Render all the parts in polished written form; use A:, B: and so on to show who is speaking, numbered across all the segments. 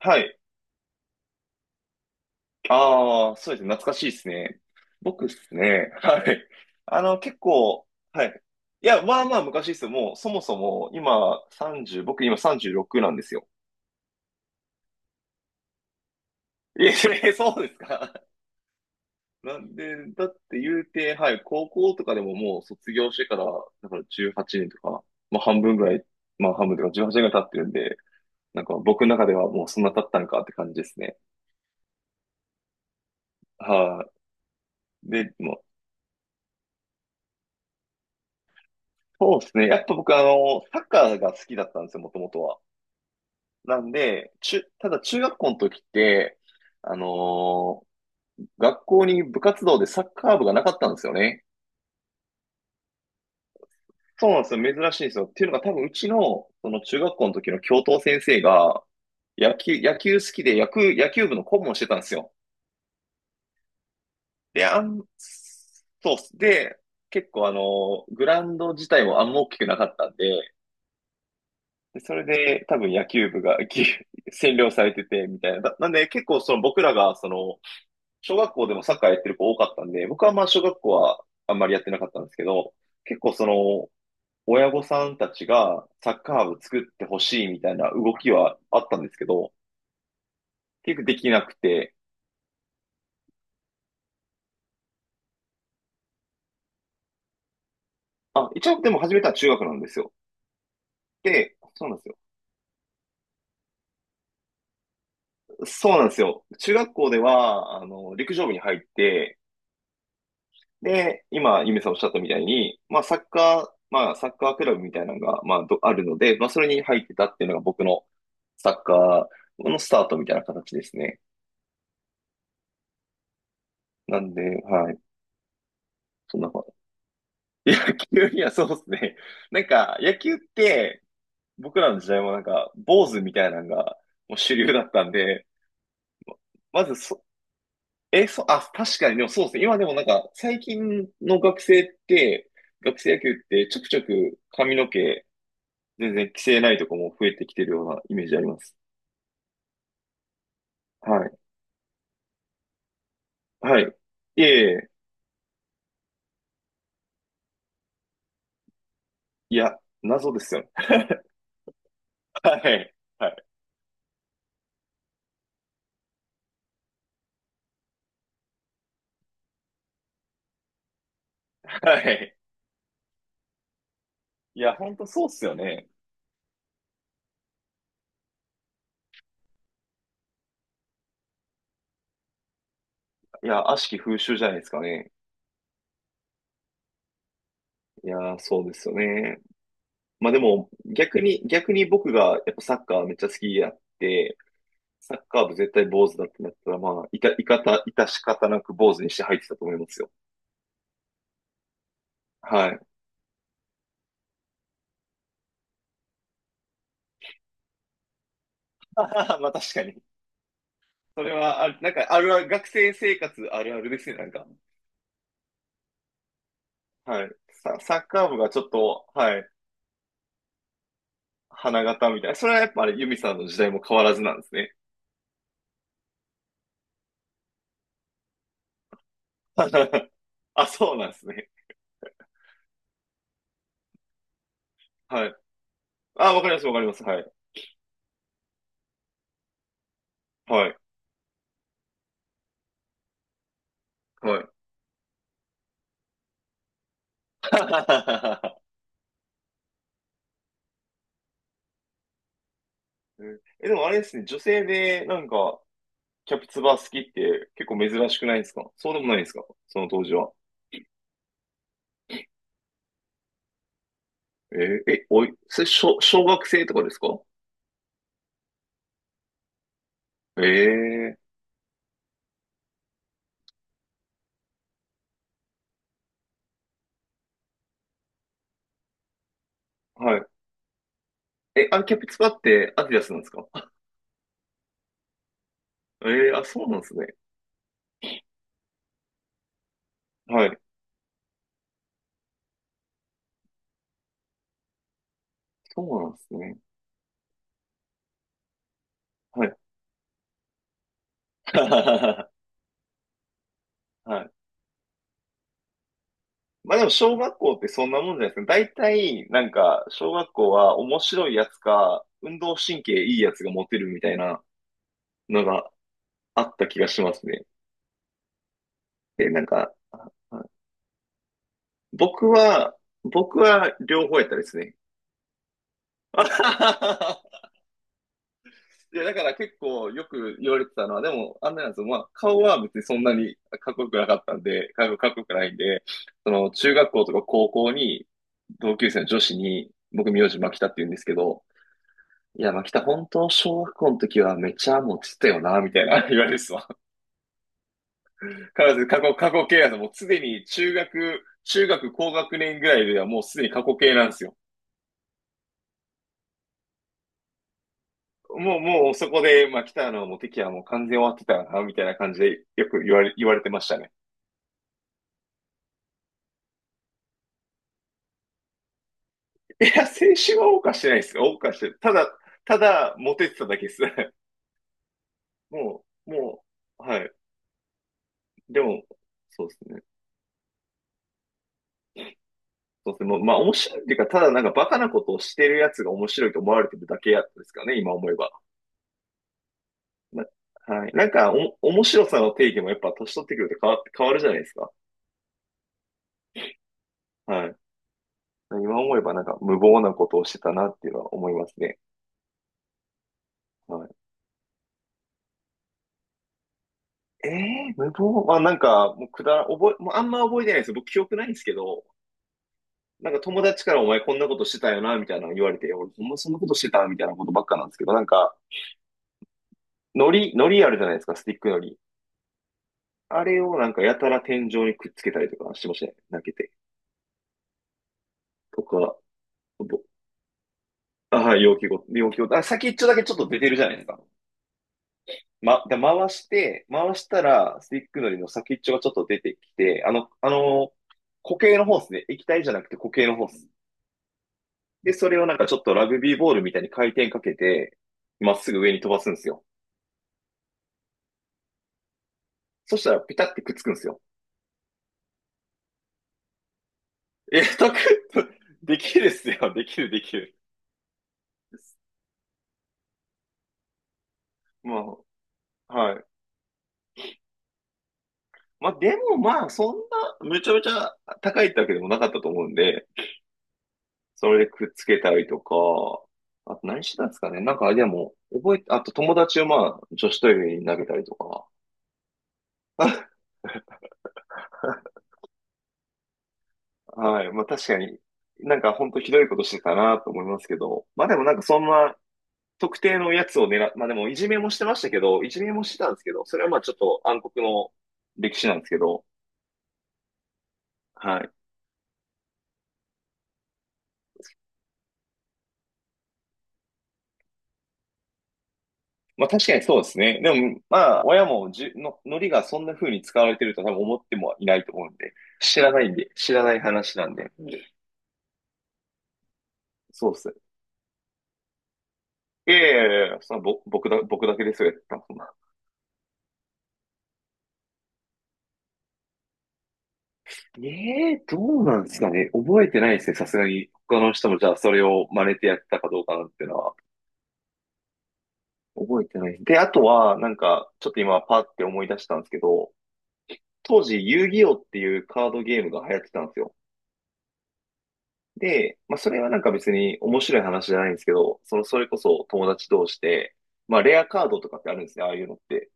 A: はい。ああ、そうですね。懐かしいですね。僕ですね。はい。結構、はい。いや、まあまあ昔ですよ。もう、そもそも、今、30、僕今36なんですよ。いえ、そうですか。なんで、だって言うて、はい、高校とかでももう卒業してから、だから18年とか、まあ半分ぐらい、まあ半分とか18年ぐらい経ってるんで、なんか僕の中ではもうそんな経ったのかって感じですね。はい。で、もう、そうですね。やっぱ僕サッカーが好きだったんですよ、もともとは。なんで、ただ中学校の時って、あのー学校に部活動でサッカー部がなかったんですよね。そうなんですよ。珍しいんですよ。っていうのが多分うちの、その中学校の時の教頭先生が、野球好きで野球部の顧問をしてたんですよ。で、あん、そうっす。で、結構グラウンド自体もあんま大きくなかったんで、でそれで多分野球部がぎ 占領されてて、みたいな。だなんで結構その僕らがその、小学校でもサッカーやってる子多かったんで、僕はまあ小学校はあんまりやってなかったんですけど、結構その、親御さんたちがサッカー部作ってほしいみたいな動きはあったんですけど、結局できなくて、あ、一応でも始めたのは中学なんですよ。で、そうなんですよ。そうなんですよ。中学校では、陸上部に入って、で、今、ゆめさんおっしゃったみたいに、まあ、サッカー、まあ、サッカークラブみたいなのが、まあ、どあるので、まあ、それに入ってたっていうのが僕のサッカーのスタートみたいな形ですね。なんで、はい。そんな感じ。野球にはそうですね。なんか、野球って、僕らの時代もなんか、坊主みたいなのが、もう主流だったんで、まずそ、え、そ、あ、確かに、でもそうですね。今でもなんか、最近の学生って、学生野球ってちょくちょく髪の毛、全然規制ないとこも増えてきてるようなイメージあります。はい。はい。いえいえ、いや、謎ですよね。はい。はい。はい。いや、ほんとそうっすよね。いや、悪しき風習じゃないですかね。いやー、そうですよね。まあでも、逆に僕がやっぱサッカーめっちゃ好きやって、サッカー部絶対坊主だってなったら、まあ、いた、いかた、いたし方なく坊主にして入ってたと思いますよ。はい。まあ確かに。それは、あ、なんか、あるある、学生生活あるあるですね、なんか。はい。サッカー部がちょっと、はい、花形みたいな。それはやっぱあれ、ユミさんの時代も変わらずなんですね。あ、そうなんですね。はい。あ、わかります。はい。はい。はい。うんえ、でもあれですね、女性でなんか、キャプツバ好きって結構珍しくないですか？そうでもないですか？その当時は。えーえ、おい、それ小学生とかですか？ええはい。え、あれ、キャプツバってアディダスなんですか？ええーあ、そうなんですね。はい。そうなんですね。はいはい。まあでも小学校ってそんなもんじゃないですか。大体、なんか、小学校は面白いやつか、運動神経いいやつがモテるみたいなのがあった気がしますね。で、なんか、ああ僕は、僕は両方やったですね。あははははいや、だから結構よく言われてたのは、でも、あんなやつまあ、顔は別にそんなにかっこよくなかったんで、かっこよくないんで、その、中学校とか高校に、同級生の女子に、僕名字牧田って言うんですけど、いや、まあ、北、本当、小学校の時はめっちゃもうつってたよな、みたいな 言われるっすわ。彼女、過去形なんですよ。もうすでに中学高学年ぐらいではもうすでに過去形なんですよ。もうそこで、まあ、北のもう敵はもう完全終わってたよな、みたいな感じでよく言われてましたね。いや、青春は謳歌してないですよ。謳歌してる。ただ、モテてただけです。もう、はい。でも、そうですね。そうですね。もうまあ面白いっていうか、ただなんかバカなことをしてるやつが面白いと思われてるだけやったですからね、今思えば。な、はい。なんかお、面白さの定義もやっぱ年取ってくると変わって、変わるじゃないですか。はい。今思えばなんか無謀なことをしてたなっていうのは思いますね。はい。えー、無謀まあなんか、もうあんま覚えてないです。僕記憶ないんですけど、なんか友達からお前こんなことしてたよな、みたいなの言われて、俺ほんまそんなことしてたみたいなことばっかなんですけど、なんか、海海苔あるじゃないですか、スティック海苔。あれをなんかやたら天井にくっつけたりとかしてましたね。投げて。とか、ぼああ、容器ごと、あ、先っちょだけちょっと出てるじゃないですか。ま、で、回して、回したら、スティックのりの先っちょがちょっと出てきて、固形のホースね、液体じゃなくて固形のホース。で、それをなんかちょっとラグビーボールみたいに回転かけて、まっすぐ上に飛ばすんですよ。そしたらピタってくっつくんですよ。え、たく、できるっすよ。できる。まあ、はい。まあ、でもまあ、そんな、めちゃめちゃ高いってわけでもなかったと思うんで、それでくっつけたりとか、あと何してたんですかね。なんか、でも、覚えて、あと友達をまあ、女子トイレに投げたりとか。はい。まあ確かに、なんか本当ひどいことしてたなと思いますけど、まあでもなんかそんな特定のやつを狙っ、まあでもいじめもしてましたけど、いじめもしてたんですけど、それはまあちょっと暗黒の歴史なんですけど、はい。まあ確かにそうですね。でも、まあ、親もじゅの、のりがそんな風に使われてると多分思ってもいないと思うんで、知らないんで、知らない話なんで。うんそうっす。いやいやいやいや、そのぼ、僕だけですよ、やったのそんな。ええどうなんですかね。覚えてないですね、さすがに。他の人もじゃあそれを真似てやったかどうかなっていうのは。覚えてない。で、あとは、なんか、ちょっと今パって思い出したんですけど、当時、遊戯王っていうカードゲームが流行ってたんですよ。で、まあ、それはなんか別に面白い話じゃないんですけど、その、それこそ友達同士で、まあ、レアカードとかってあるんですね、ああいうのって。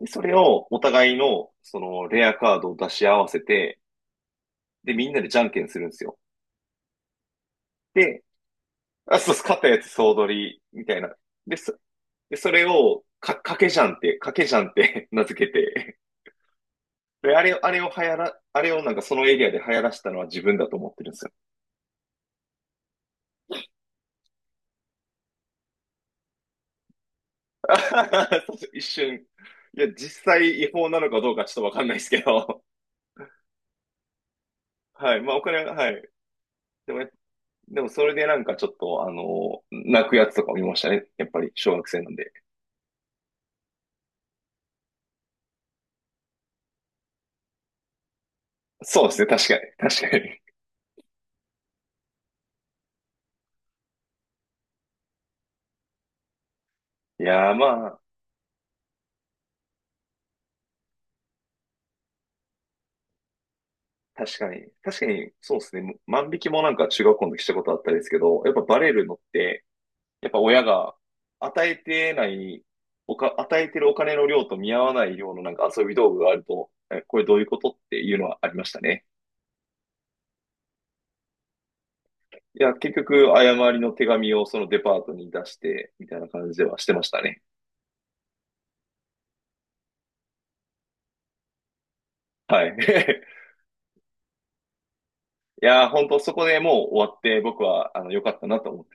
A: で、それをお互いの、その、レアカードを出し合わせて、で、みんなでじゃんけんするんですよ。で、あ、そう、勝ったやつ総取り、みたいな。で、そ、で、それを、か、かけじゃんって 名付けて、で、あれを、あれを流行ら、あれをなんかそのエリアで流行らしたのは自分だと思ってるんですよ。そうそう一瞬、いや、実際違法なのかどうかちょっとわかんないですけど。はい。まあ、お金は、はい。でもねでもそれでなんかちょっと、あの、泣くやつとか見ましたね。やっぱり、小学生なんで。そうですね。確かに。確かに。いやー、まあ、確かに。そうですね。万引きもなんか中学校の時したことあったんですけど、やっぱバレるのって、やっぱ親が与えてない、与えてるお金の量と見合わない量のなんか遊び道具があると、え、これどういうことっていうのはありましたね。いや、結局、誤りの手紙をそのデパートに出して、みたいな感じではしてましたね。はい。いやー、本当そこでもう終わって、僕は、あの、良かったなと思っ